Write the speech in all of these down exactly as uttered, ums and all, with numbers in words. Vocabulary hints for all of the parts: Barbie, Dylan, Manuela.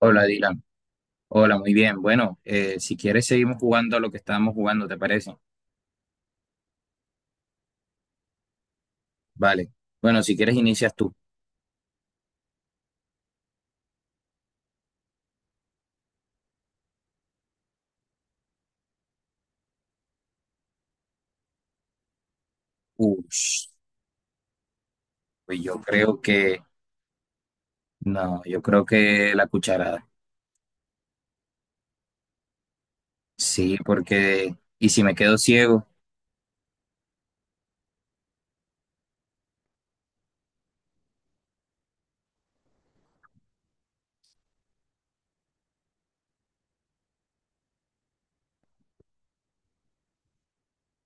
Hola, Dylan. Hola, muy bien. Bueno, eh, si quieres seguimos jugando a lo que estábamos jugando, ¿te parece? Vale. Bueno, si quieres inicias tú. Ush, pues yo creo que... No, yo creo que la cucharada. Sí, porque... ¿Y si me quedo ciego?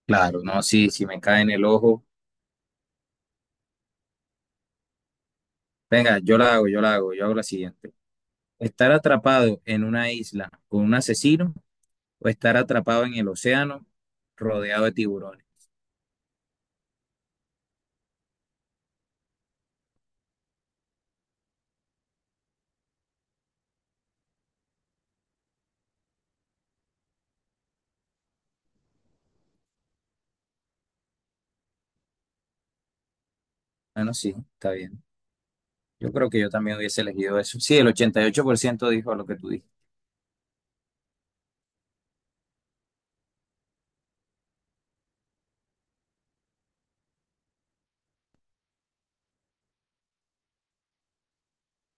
Claro, no, sí, si me cae en el ojo. Venga, yo la hago, yo la hago, yo hago la siguiente. ¿Estar atrapado en una isla con un asesino o estar atrapado en el océano rodeado de tiburones? Bueno, sí, está bien. Yo creo que yo también hubiese elegido eso. Sí, el ochenta y ocho por ciento dijo lo que tú dijiste.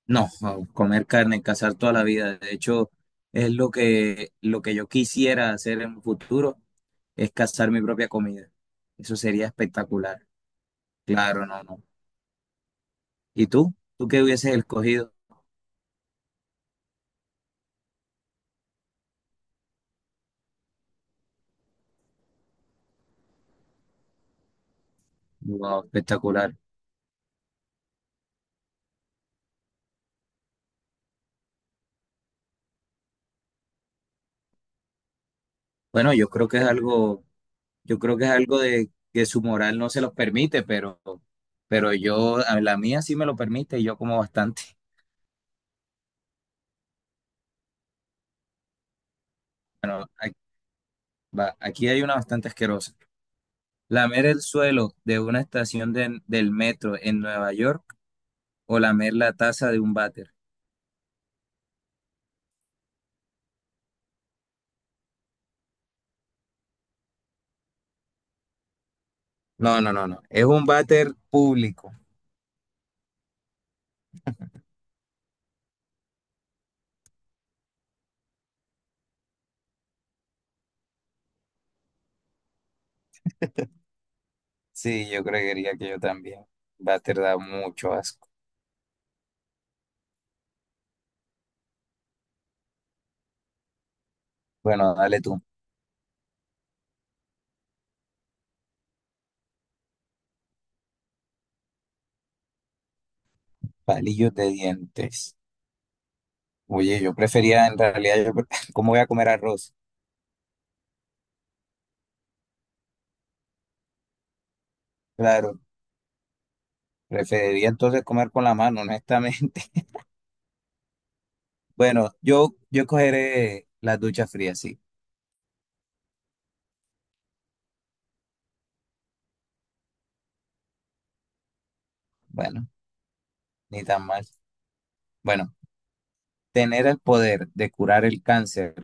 No, no, comer carne, cazar toda la vida. De hecho, es lo que, lo que yo quisiera hacer en un futuro, es cazar mi propia comida. Eso sería espectacular. Claro, no, no. ¿Y tú? ¿Tú qué hubieses escogido? Wow, espectacular. Bueno, yo creo que es algo, yo creo que es algo de que su moral no se los permite, pero, pero yo, a la mía sí me lo permite y yo como bastante. Bueno, va, aquí hay una bastante asquerosa. ¿Lamer el suelo de una estación de- del metro en Nueva York o lamer la taza de un váter? No, no, no, no. Es un váter público. Sí, yo creería que yo también. Váter da mucho asco. Bueno, dale tú. Palillos de dientes. Oye, yo prefería, en realidad, yo, pre- ¿cómo voy a comer arroz? Claro, preferiría entonces comer con la mano, honestamente. Bueno, yo, yo cogeré las duchas frías, sí. Bueno, ni tan mal. Bueno, tener el poder de curar el cáncer,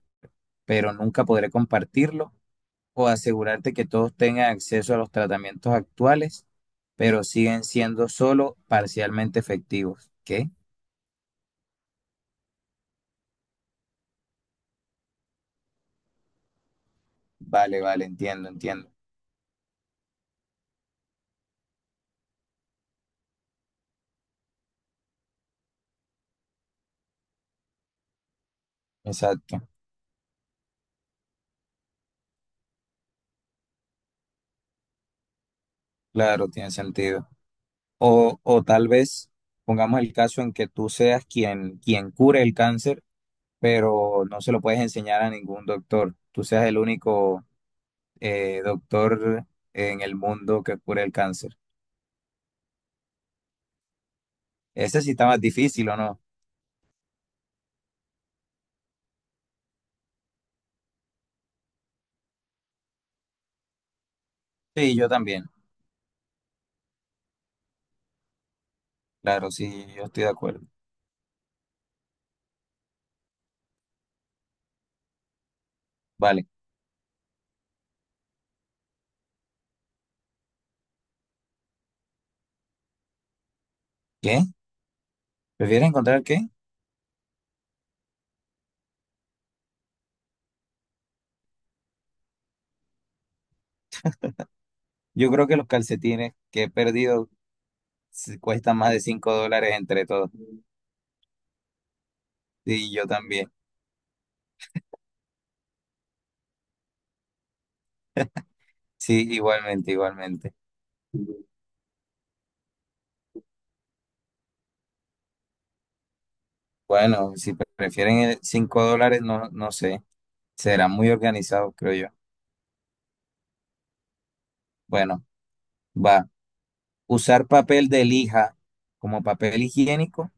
pero nunca podré compartirlo, o asegurarte que todos tengan acceso a los tratamientos actuales, pero siguen siendo solo parcialmente efectivos. ¿Qué? Vale, vale, entiendo, entiendo. Exacto. Claro, tiene sentido. O, o tal vez pongamos el caso en que tú seas quien, quien cure el cáncer, pero no se lo puedes enseñar a ningún doctor. Tú seas el único eh, doctor en el mundo que cure el cáncer. Ese sí está más difícil, ¿o no? Sí, yo también. Claro, sí, yo estoy de acuerdo. Vale. ¿Qué? ¿Prefieres encontrar qué? Yo creo que los calcetines que he perdido se- cuestan más de cinco dólares entre todos. Sí, yo también. Sí, igualmente, igualmente. Bueno, si pre- prefieren el cinco dólares, no, no sé. Será muy organizado, creo yo. Bueno, va. Usar papel de lija como papel higiénico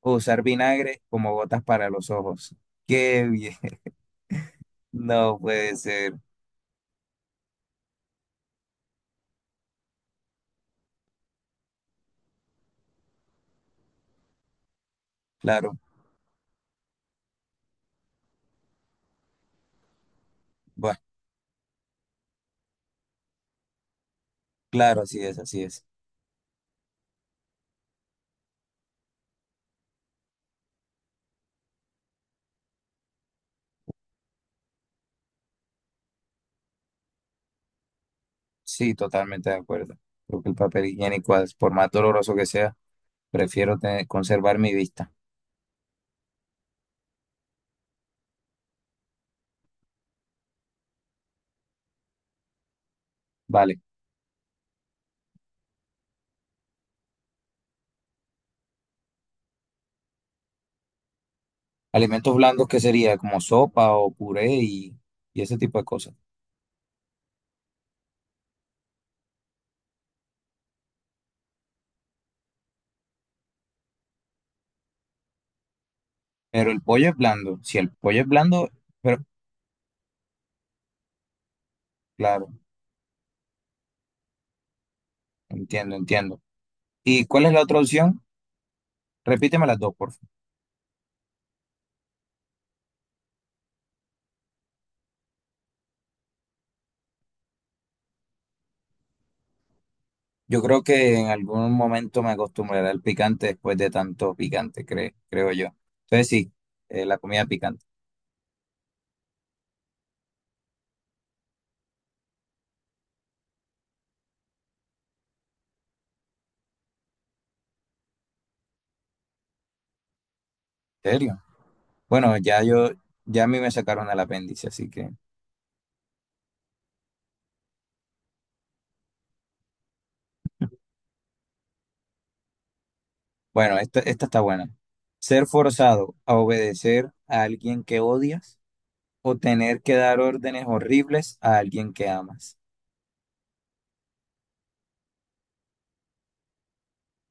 o usar vinagre como gotas para los ojos. Qué bien. No puede ser. Claro, bueno, claro, así es, así es. Sí, totalmente de acuerdo. Creo que el papel higiénico, as- por más doloroso que sea, prefiero tener- conservar mi vista. Vale. Alimentos blandos, ¿qué sería? Como sopa o puré y, y ese tipo de cosas. Pero el pollo es blando. Si el pollo es blando, pero claro, entiendo, entiendo. ¿Y cuál es la otra opción? Repíteme las dos, por favor. Yo creo que en algún momento me acostumbraré al picante después de tanto picante, cre- creo yo. Entonces sí, eh, la comida picante. ¿En serio? Bueno, ya yo, ya a mí me sacaron el apéndice, así que, bueno, esta, esta está buena. Ser forzado a obedecer a alguien que odias o tener que dar órdenes horribles a alguien que amas.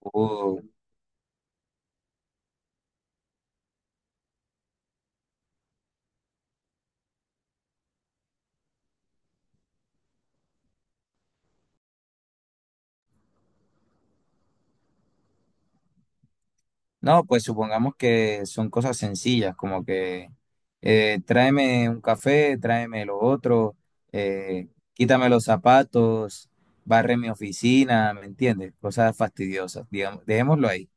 Uh, no, pues supongamos que son cosas sencillas, como que eh, tráeme un café, tráeme lo otro, eh, quítame los zapatos, barre mi oficina, ¿me entiendes? Cosas fastidiosas, digamos, dejémoslo ahí.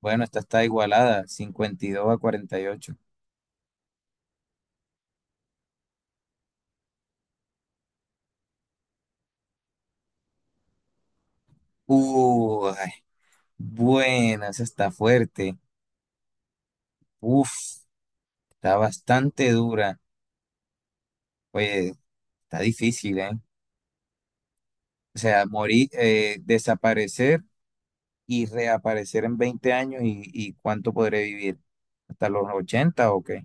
Bueno, esta está igualada, cincuenta y dos a cuarenta y ocho. Uh, ay, buena, esa está fuerte. Uf, está bastante dura. Oye, está difícil, ¿eh? O sea, morir, eh, desaparecer y reaparecer en veinte años y, y ¿cuánto podré vivir? ¿Hasta los ochenta o qué?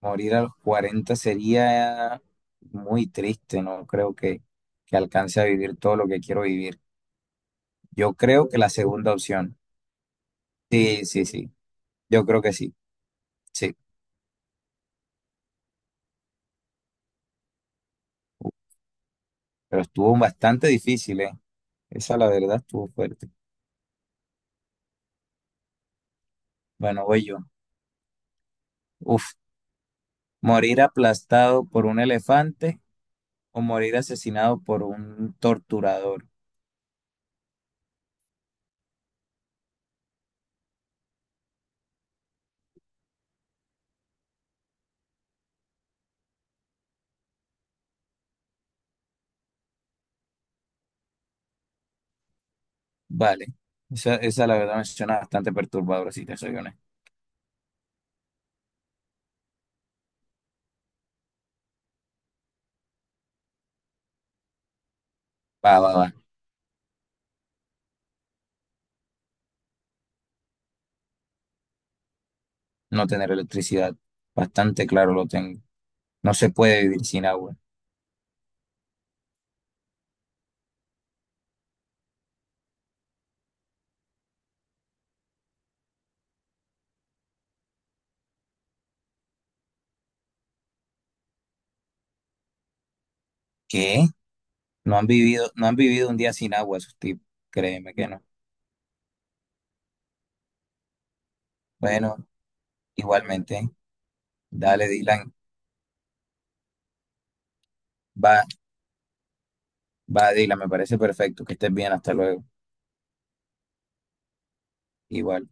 Morir a los cuarenta sería muy triste, no creo que, que alcance a vivir todo lo que quiero vivir. Yo creo que la segunda opción. Sí, sí, sí, yo creo que sí. Sí, pero estuvo bastante difícil, ¿eh? Esa la verdad estuvo fuerte. Bueno, voy yo. Uf, morir aplastado por un elefante o morir asesinado por un torturador. Vale. Esa, esa la verdad me suena bastante perturbadora, si te soy honesto. Va, va, va. No tener electricidad. Bastante claro lo tengo. No se puede vivir sin agua. ¿Qué? No han vivido, no han vivido un día sin agua esos tipos. Créeme que no. Bueno, igualmente. Dale, Dylan. Va. Va, Dila, me parece perfecto. Que estés bien, hasta luego. Igual.